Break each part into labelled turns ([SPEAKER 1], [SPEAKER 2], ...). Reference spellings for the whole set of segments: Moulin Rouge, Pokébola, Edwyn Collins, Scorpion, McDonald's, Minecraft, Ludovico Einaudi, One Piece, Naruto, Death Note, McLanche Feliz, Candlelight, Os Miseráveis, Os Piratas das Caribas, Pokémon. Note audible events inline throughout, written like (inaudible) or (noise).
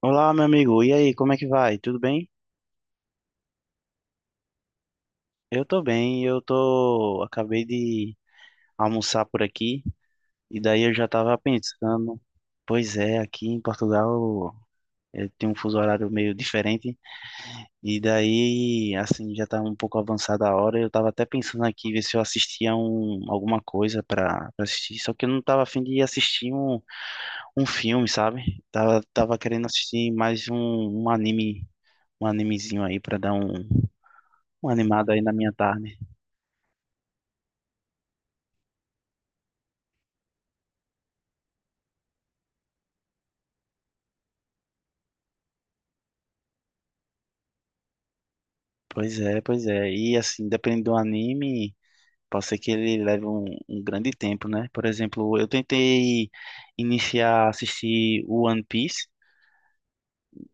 [SPEAKER 1] Olá, meu amigo. E aí, como é que vai? Tudo bem? Eu tô bem. Acabei de almoçar por aqui e daí eu já tava pensando, pois é, aqui em Portugal eu tenho um fuso horário meio diferente e daí, assim, já tá um pouco avançada a hora. Eu tava até pensando aqui ver se eu assistia alguma coisa pra assistir, só que eu não tava afim de assistir um filme, sabe? Tava querendo assistir mais um anime, um animezinho aí pra dar um animado aí na minha tarde. Pois é, pois é. E assim, dependendo do anime, pode ser que ele leve um grande tempo, né? Por exemplo, eu tentei iniciar a assistir o One Piece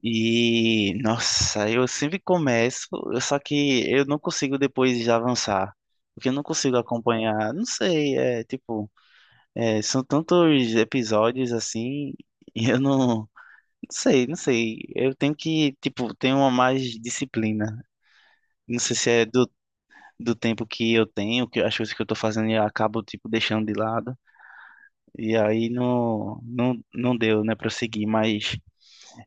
[SPEAKER 1] e, nossa, eu sempre começo. Só que eu não consigo depois já avançar. Porque eu não consigo acompanhar, não sei, é tipo, são tantos episódios assim, (laughs) e eu não sei, não sei. Eu tenho que, tipo, ter uma mais disciplina. Não sei se é do tempo que eu tenho, que as coisas que eu tô fazendo eu acabo tipo deixando de lado. E aí não deu, né, para seguir, mas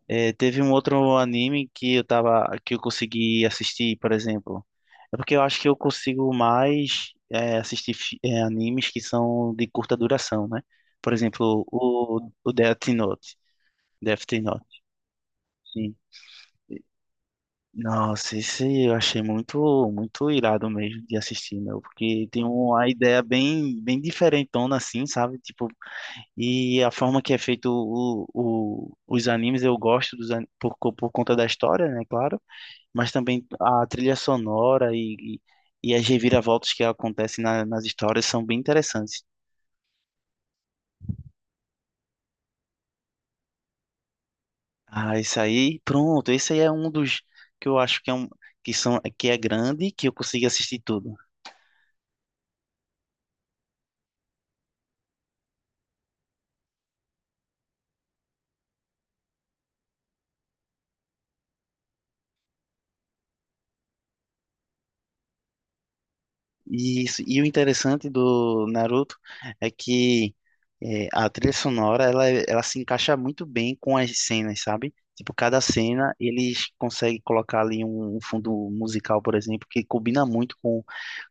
[SPEAKER 1] é, teve um outro anime que eu tava que eu consegui assistir, por exemplo. É porque eu acho que eu consigo mais é, assistir animes que são de curta duração, né? Por exemplo, o Death Note, Death Note. Sim. Nossa, esse eu achei muito, muito irado mesmo de assistir, meu, porque tem uma ideia bem, bem diferentona assim, sabe? Tipo, e a forma que é feito os animes, eu gosto dos, an- por, co- por conta da história, né, claro, mas também a trilha sonora e, e as reviravoltas que acontecem nas histórias são bem interessantes. Ah, esse aí, pronto, esse aí é um dos que eu acho que é um, que são, que é grande e que eu consigo assistir tudo. E, isso- e o interessante do Naruto é que é, a trilha sonora ela, ela se encaixa muito bem com as cenas, sabe? Tipo, cada cena eles conseguem colocar ali um, um fundo musical, por exemplo, que combina muito com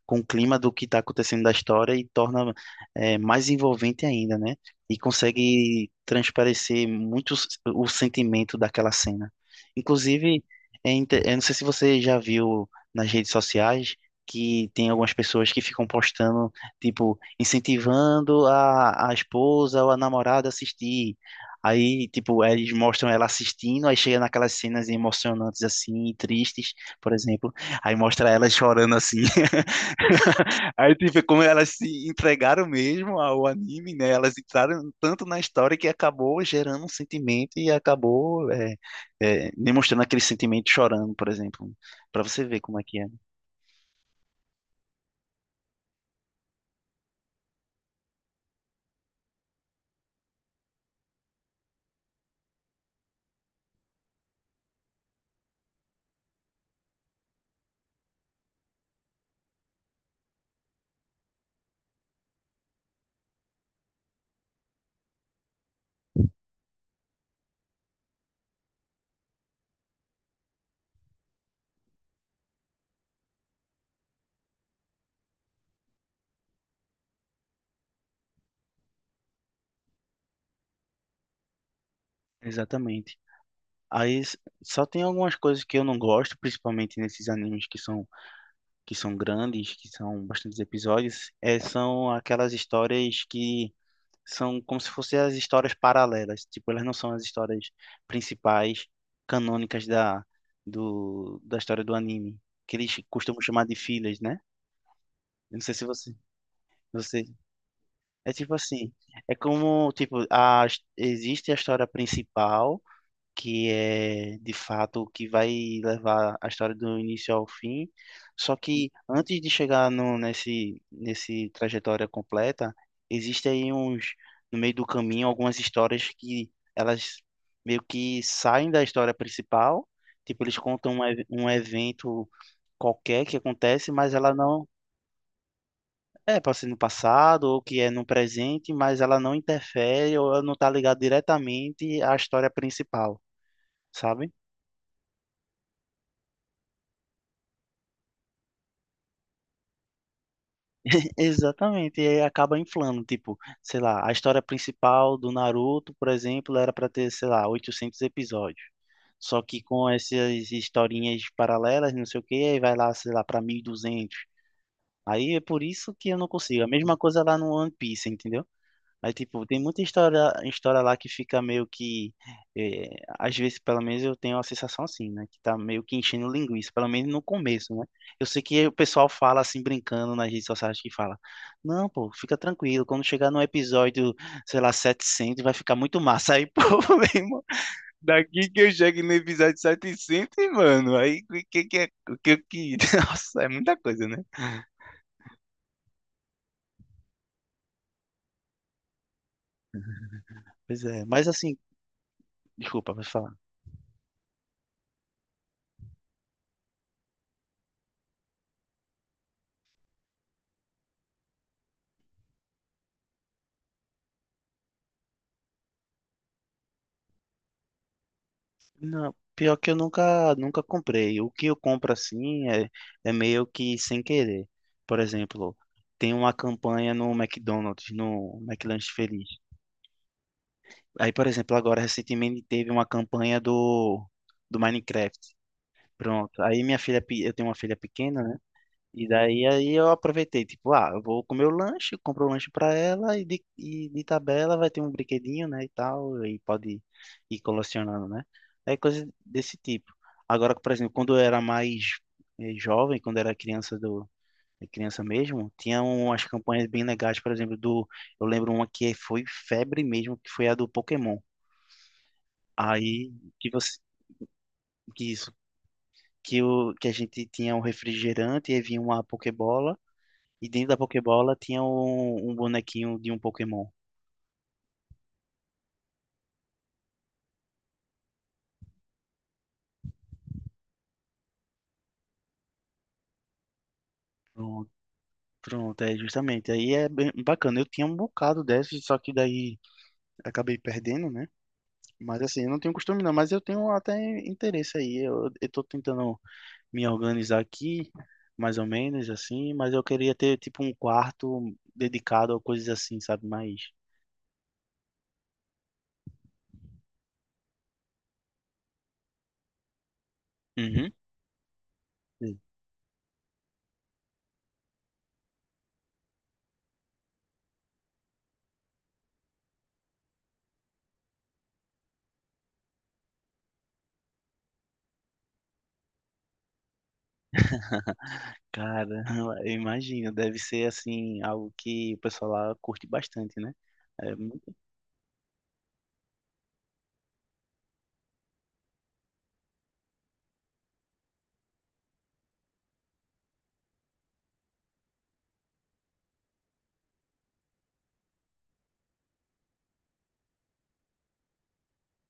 [SPEAKER 1] com o clima do que está acontecendo da história e torna mais envolvente ainda, né? E consegue transparecer muito o sentimento daquela cena. Inclusive, eu não sei se você já viu nas redes sociais que tem algumas pessoas que ficam postando, tipo, incentivando a esposa ou a namorada a assistir. Aí, tipo, eles mostram ela assistindo, aí chega naquelas cenas emocionantes assim, tristes, por exemplo, aí mostra ela chorando assim. Aí tu vê como elas se entregaram mesmo ao anime, né? Elas entraram tanto na história que acabou gerando um sentimento e acabou demonstrando aquele sentimento chorando, por exemplo, para você ver como é que é. Exatamente. Só tem algumas coisas que eu não gosto, principalmente nesses animes que são grandes, que são bastantes episódios, é, são aquelas histórias que são como se fossem as histórias paralelas. Tipo, elas não são as histórias principais, canônicas da, da história do anime, que eles costumam chamar de filhas, né? Eu não sei se você. É tipo assim, é como, tipo, existe a história principal, que é de fato o que vai levar a história do início ao fim. Só que antes de chegar no, nesse, nesse trajetória completa, existem aí uns, no meio do caminho, algumas histórias que elas meio que saem da história principal, tipo, eles contam um evento qualquer que acontece, mas ela não. É, pode ser no passado ou que é no presente, mas ela não interfere ou ela não está ligada diretamente à história principal, sabe? Exatamente, e aí acaba inflando, tipo, sei lá, a história principal do Naruto, por exemplo, era para ter, sei lá, 800 episódios. Só que com essas historinhas paralelas, não sei o quê, aí vai lá, sei lá, para 1.200. Aí é por isso que eu não consigo. A mesma coisa lá no One Piece, entendeu? Mas, tipo, tem muita história, história lá que fica meio que. eh, Às vezes, pelo menos, eu tenho a sensação assim, né? Que tá meio que enchendo linguiça, pelo menos no começo, né? Eu sei que o pessoal fala assim, brincando nas redes sociais, que fala: Não, pô, fica tranquilo, quando chegar no episódio, sei lá, 700 vai ficar muito massa. Aí, (laughs) pô, meu irmão, daqui que eu chego no episódio 700, mano, aí o que que é. O que que. (laughs) Nossa, é muita coisa, né? Pois é, mas assim, desculpa, pessoal. Não, pior que eu nunca comprei. O que eu compro assim é meio que sem querer. Por exemplo, tem uma campanha no McDonald's, no McLanche Feliz. Aí, por exemplo, agora recentemente teve uma campanha do, do Minecraft. Pronto. Aí eu tenho uma filha pequena, e daí aí eu aproveitei, tipo, ah, eu vou comer o lanche, compro o lanche pra ela e e de tabela vai ter um brinquedinho, né, e tal, e pode ir colecionando, né? É coisa desse tipo. Agora, por exemplo, quando eu era mais jovem, quando eu era criança criança mesmo, tinha umas campanhas bem legais, por exemplo, do eu lembro uma que foi febre mesmo, que foi a do Pokémon. Aí que você que isso que o que a gente tinha um refrigerante e aí vinha uma Pokébola. E dentro da Pokébola tinha um bonequinho de um Pokémon. Pronto, pronto, é justamente. Aí é bem bacana. Eu tinha um bocado desses, só que daí acabei perdendo, né? Mas assim, eu não tenho costume não, mas eu tenho até interesse aí. Eu tô tentando me organizar aqui, mais ou menos assim, mas eu queria ter tipo um quarto dedicado a coisas assim, sabe? Mais. Uhum. Cara, (laughs) eu imagino, deve ser assim, algo que o pessoal lá curte bastante, né? É,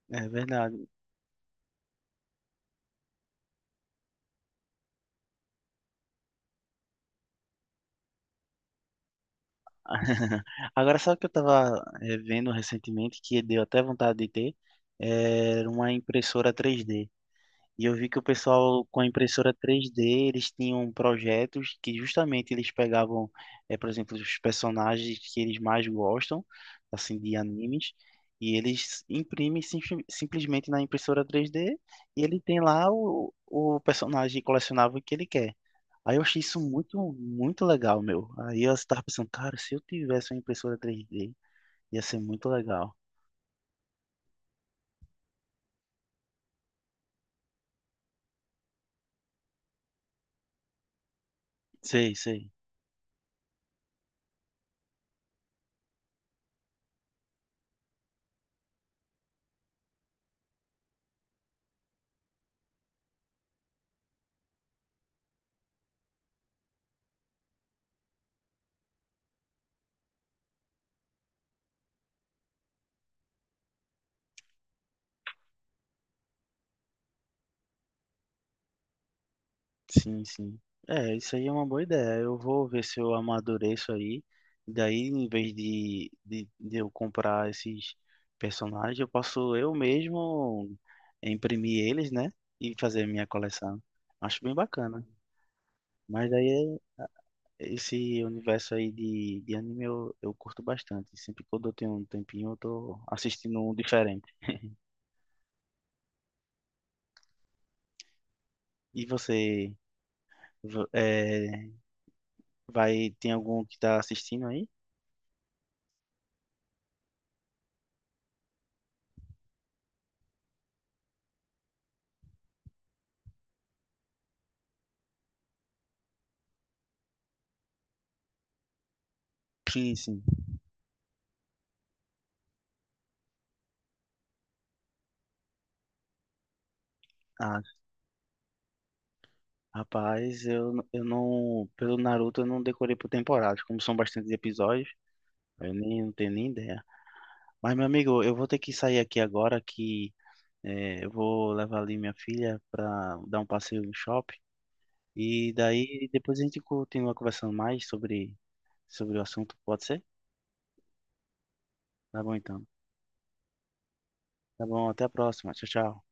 [SPEAKER 1] é verdade. (laughs) Agora, sabe o que eu estava vendo recentemente, que deu até vontade de ter? Era uma impressora 3D. E eu vi que o pessoal com a impressora 3D, eles tinham projetos que justamente eles pegavam, por exemplo, os personagens que eles mais gostam, assim, de animes, e eles imprimem simplesmente na impressora 3D e ele tem lá o personagem colecionável que ele quer. Aí eu achei isso muito, muito legal, meu. Aí eu estava pensando, cara, se eu tivesse uma impressora 3D, ia ser muito legal. Sei, sei. Sim, sim. É, isso aí é uma boa ideia. Eu vou ver se eu amadureço aí. Daí, em vez de eu comprar esses personagens, eu posso eu mesmo imprimir eles, né? E fazer minha coleção. Acho bem bacana. Mas daí, esse universo aí de anime eu curto bastante. Sempre quando eu tenho um tempinho, eu tô assistindo um diferente. E você, vo- é, vai, tem algum que tá assistindo aí? Sim, sim. Rapaz, eu não. Pelo Naruto eu não decorei por temporadas, como são bastantes episódios, eu nem não tenho nem ideia. Mas, meu amigo, eu vou ter que sair aqui agora que eu vou levar ali minha filha pra dar um passeio no shopping. E daí depois a gente continua conversando mais sobre, o assunto, pode ser? Tá bom então. Tá bom, até a próxima. Tchau, tchau.